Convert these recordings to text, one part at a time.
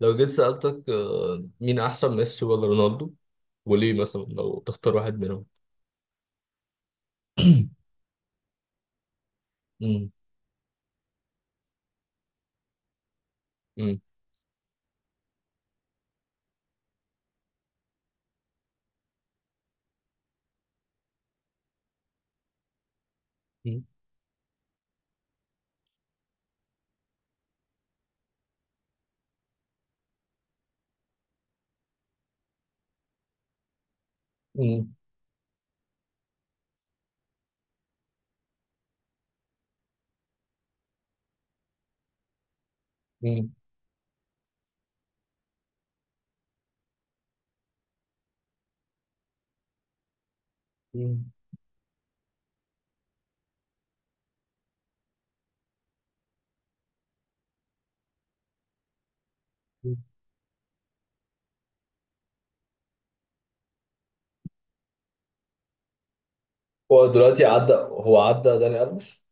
لو جيت سألتك مين أحسن ميسي ولا رونالدو؟ وليه مثلا لو تختار واحد منهم؟ مم. مم. مم. مم. مم. مم. هو دلوقتي عدى، هو عدى داني ألفيش.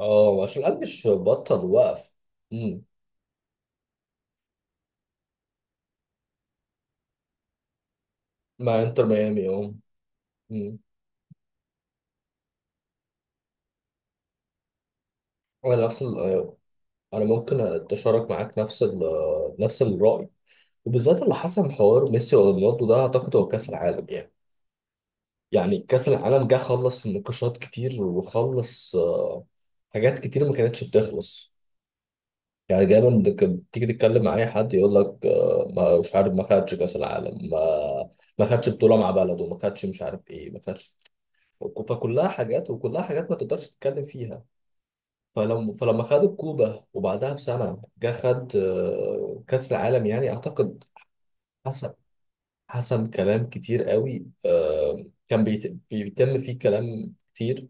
اه، عشان ألفيش بطل وقف. مم. مع انتر ميامي، اه. مم. انا نفس ال... آه، انا ممكن اتشارك معاك نفس ال... آه، نفس الرأي. وبالذات اللي حصل حوار ميسي ورونالدو، ده اعتقد هو كأس العالم يعني. يعني كأس العالم جه خلص نقاشات كتير، وخلص آه، حاجات كتير ما كانتش بتخلص. يعني دايما كنت تيجي تتكلم مع اي حد يقول لك ما مش عارف، ما خدش كأس العالم، ما ما خدش بطولة مع بلده، ما خدش مش عارف ايه، ما خدش. فكلها حاجات وكلها حاجات ما تقدرش تتكلم فيها. فلما خد الكوبا، وبعدها بسنة جه خد كأس العالم، يعني أعتقد. حاسس، حسب كلام كتير قوي، كان بيتم فيه كلام كتير.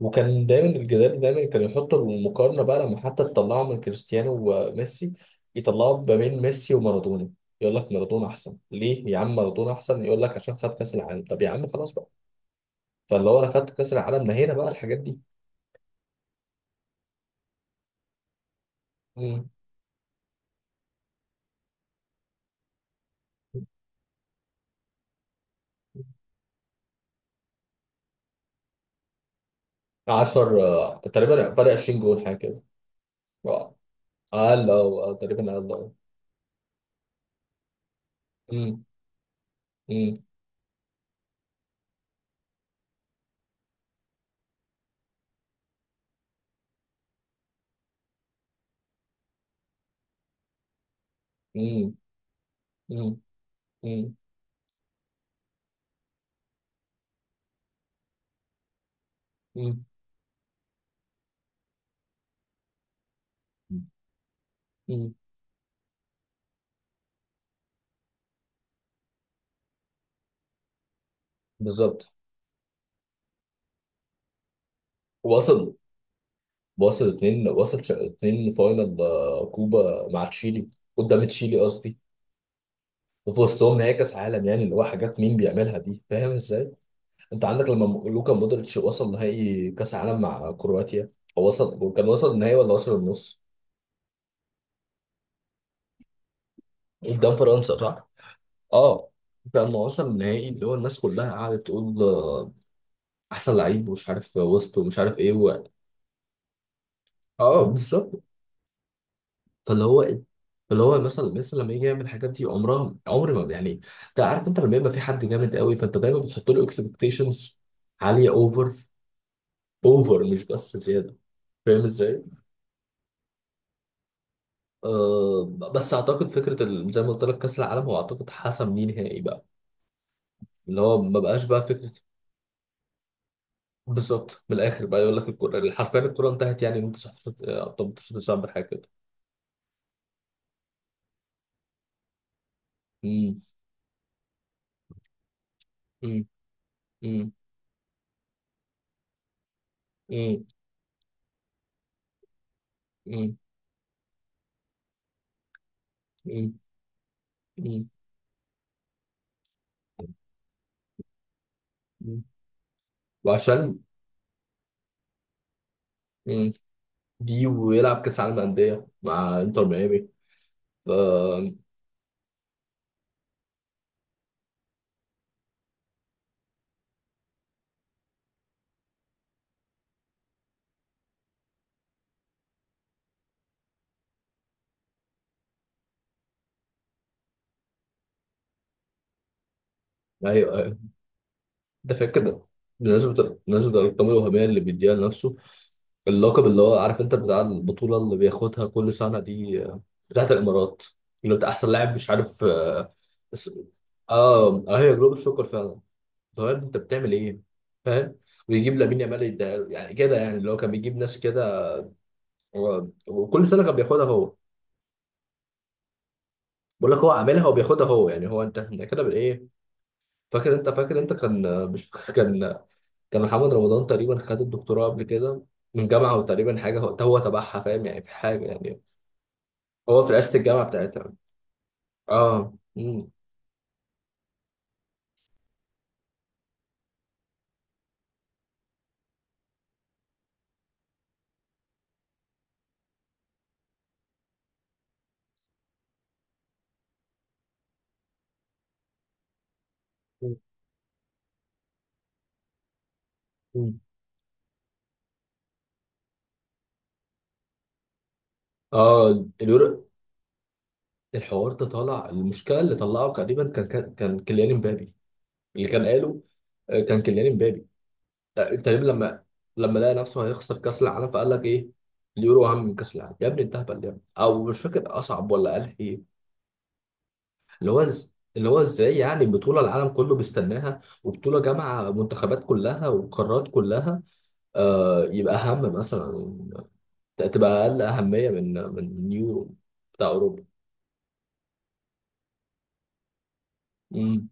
وكان دايما الجدال، دايما كان يحط المقارنة بقى لما حتى تطلعه من كريستيانو وميسي، يطلعوا ما بين ميسي ومارادونا. يقول لك مارادونا احسن ليه؟ يا عم مارادونا احسن، يقول لك عشان خد كاس العالم. طب يا عم خلاص بقى. فاللي هو انا خدت كاس العالم، ما هنا بقى الحاجات دي. مم. 10 تقريبا، فرق 20 جول حاجه كده. آه، اقل، اه، تقريبا اقل، اه. مم، مم، مم، مم، مم، مم. بالظبط. وصل وصل اتنين، وصل اتنين فاينل كوبا مع تشيلي. قدام تشيلي قصدي. وفي وسطهم نهائي كاس عالم يعني، اللي هو حاجات مين بيعملها دي، فاهم ازاي؟ انت عندك لما لوكا مودريتش وصل نهائي كاس عالم مع كرواتيا. هو وصل، وكان وصل النهائي ولا وصل النص؟ قدام فرنسا صح؟ اه. كان وصل النهائي، اللي هو الناس كلها قعدت تقول، احسن لعيب ومش عارف وسط ومش عارف ايه. و... اه، بالظبط. فاللي هو، اللي هو مثلا لما يجي يعمل الحاجات دي، عمرها عمر ما يعني. انت عارف، انت لما يبقى في حد جامد قوي، فانت دايما بتحط له اكسبكتيشنز عاليه اوفر، اوفر مش بس زياده. فاهم ازاي؟ أه. بس اعتقد فكره زي ما قلت لك كاس العالم هو اعتقد حسم ليه نهائي بقى. اللي هو ما بقاش بقى فكره. بالظبط، من الاخر بقى، يقول لك الكره حرفيا، الكره انتهت، يعني من 19 18 ديسمبر حاجه كده. امم. امم. امم. امم. امم. امم. وعشان دي ويلعب كاس عالم انديه مع انتر ميامي. ف ايوه، ايوه. ده فاكر ده. بالنسبه بالنسبه للارقام الوهميه اللي بيديها لنفسه، اللقب اللي هو عارف انت بتاع البطوله اللي بياخدها كل سنه دي، بتاعت الامارات، اللي بتاع احسن لاعب مش عارف، اه. اس- اه، هي جلوبال سوكر فعلا. طب يا ابني انت بتعمل ايه؟ فاهم؟ ويجيب لامين يامال يديها له. يعني كده يعني، اللي هو كان بيجيب ناس كده. وكل سنه كان بياخدها هو. بقول لك هو عاملها وبياخدها هو، يعني هو، انت إحنا كده بالايه؟ فاكر انت كان، مش كان. كان محمد رمضان تقريبا خد الدكتوراه قبل كده من جامعه، وتقريبا حاجه هو تبعها، فاهم يعني؟ في حاجه يعني هو في رئاسه الجامعه بتاعتها. اه. مم. مم. مم. اه، اليورو. الحوار ده طالع، المشكله اللي طلعه تقريبا كان كيليان امبابي، اللي كان قاله، كان كيليان امبابي تقريبا لما لقى نفسه هيخسر كاس العالم، فقال لك ايه، اليورو اهم من كاس العالم. يا ابني انتهبل يا ابني؟ او مش فاكر، اصعب ولا قال ايه. اللي هو اللي هو ازاي يعني؟ بطولة العالم كله بيستناها، وبطولة جامعة منتخبات كلها وقارات كلها، يبقى أهم مثلا، تبقى أقل أهمية من اليورو بتاع أوروبا. امم.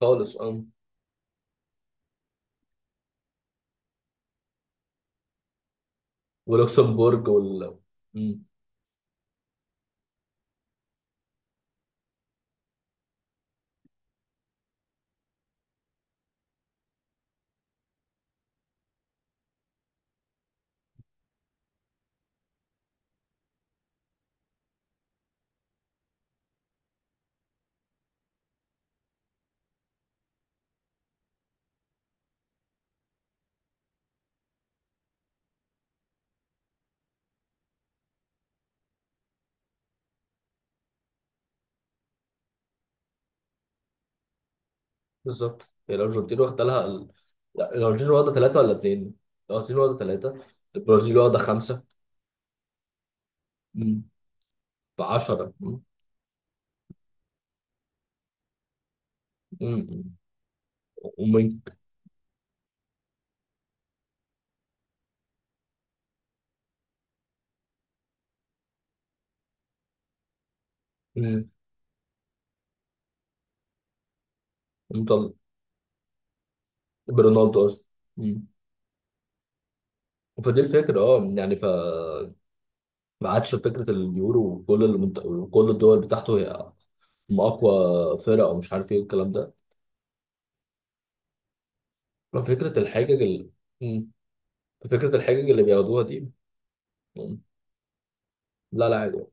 خالص، اه. ولوكسمبورج وال... امم. بالظبط، هي الأرجنتين واخدة لها ال... لا، الأرجنتين واخدة ثلاثة ولا اتنين؟ الأرجنتين واخدة ثلاثة، البرازيل واخدة خمسة. امم. في 10. امم. امم. ومين؟ امم. برونالدو قصدي. مم. فدي الفكرة، اه يعني، ما عادش فكرة اليورو وكل وكل الدول بتاعته، هي هم أقوى فرق أو مش عارف إيه الكلام ده. ففكرة الحجج مم. ففكرة الحجج اللي بياخدوها دي. مم. لا، لا، عادي.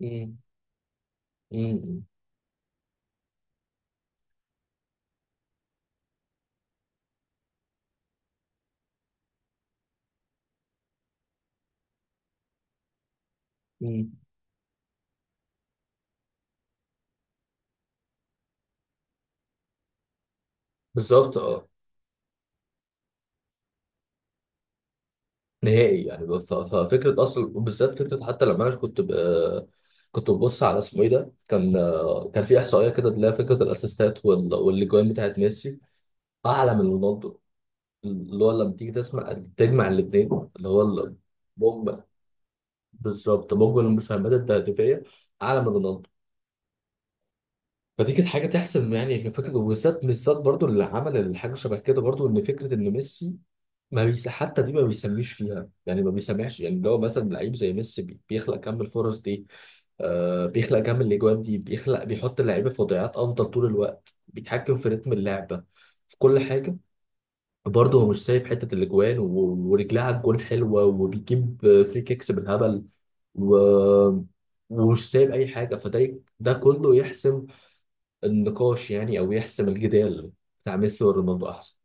مم. مم. مم. بالظبط، اه. نهائي يعني ففكرة أصلا، وبالذات فكرة، حتى لما أنا كنت كنت ببص على اسمه إيه ده، كان، كان في إحصائية كده اللي هي فكرة الأسيستات والأجوان بتاعت ميسي أعلى من رونالدو. اللي هو لما تيجي تسمع تجمع الاثنين اللي هو بوجبا، بالظبط، بوجبا المساهمات التهديفيه اعلى من رونالدو. فدي كانت حاجه تحسب يعني، في فكره، وبالذات بالذات برضو اللي عمل الحاجه شبه كده، برضو ان فكره ان ميسي ما بيس حتى دي، ما بيسميش فيها يعني، ما بيسمعش يعني. اللي هو مثلا لعيب زي ميسي، بيخلق كم الفرص دي، بيخلق كم الاجوان دي، بيحط اللعيبه في وضعيات افضل طول الوقت، بيتحكم في رتم اللعبه، في كل حاجه. برضه هو مش سايب حته الاجوان ورجلها على الجون حلوه، وبيجيب فري كيكس بالهبل، و... ومش سايب اي حاجه. فده ده كله يحسم النقاش يعني، او يحسم الجدال بتاع ميسي ورونالدو احسن.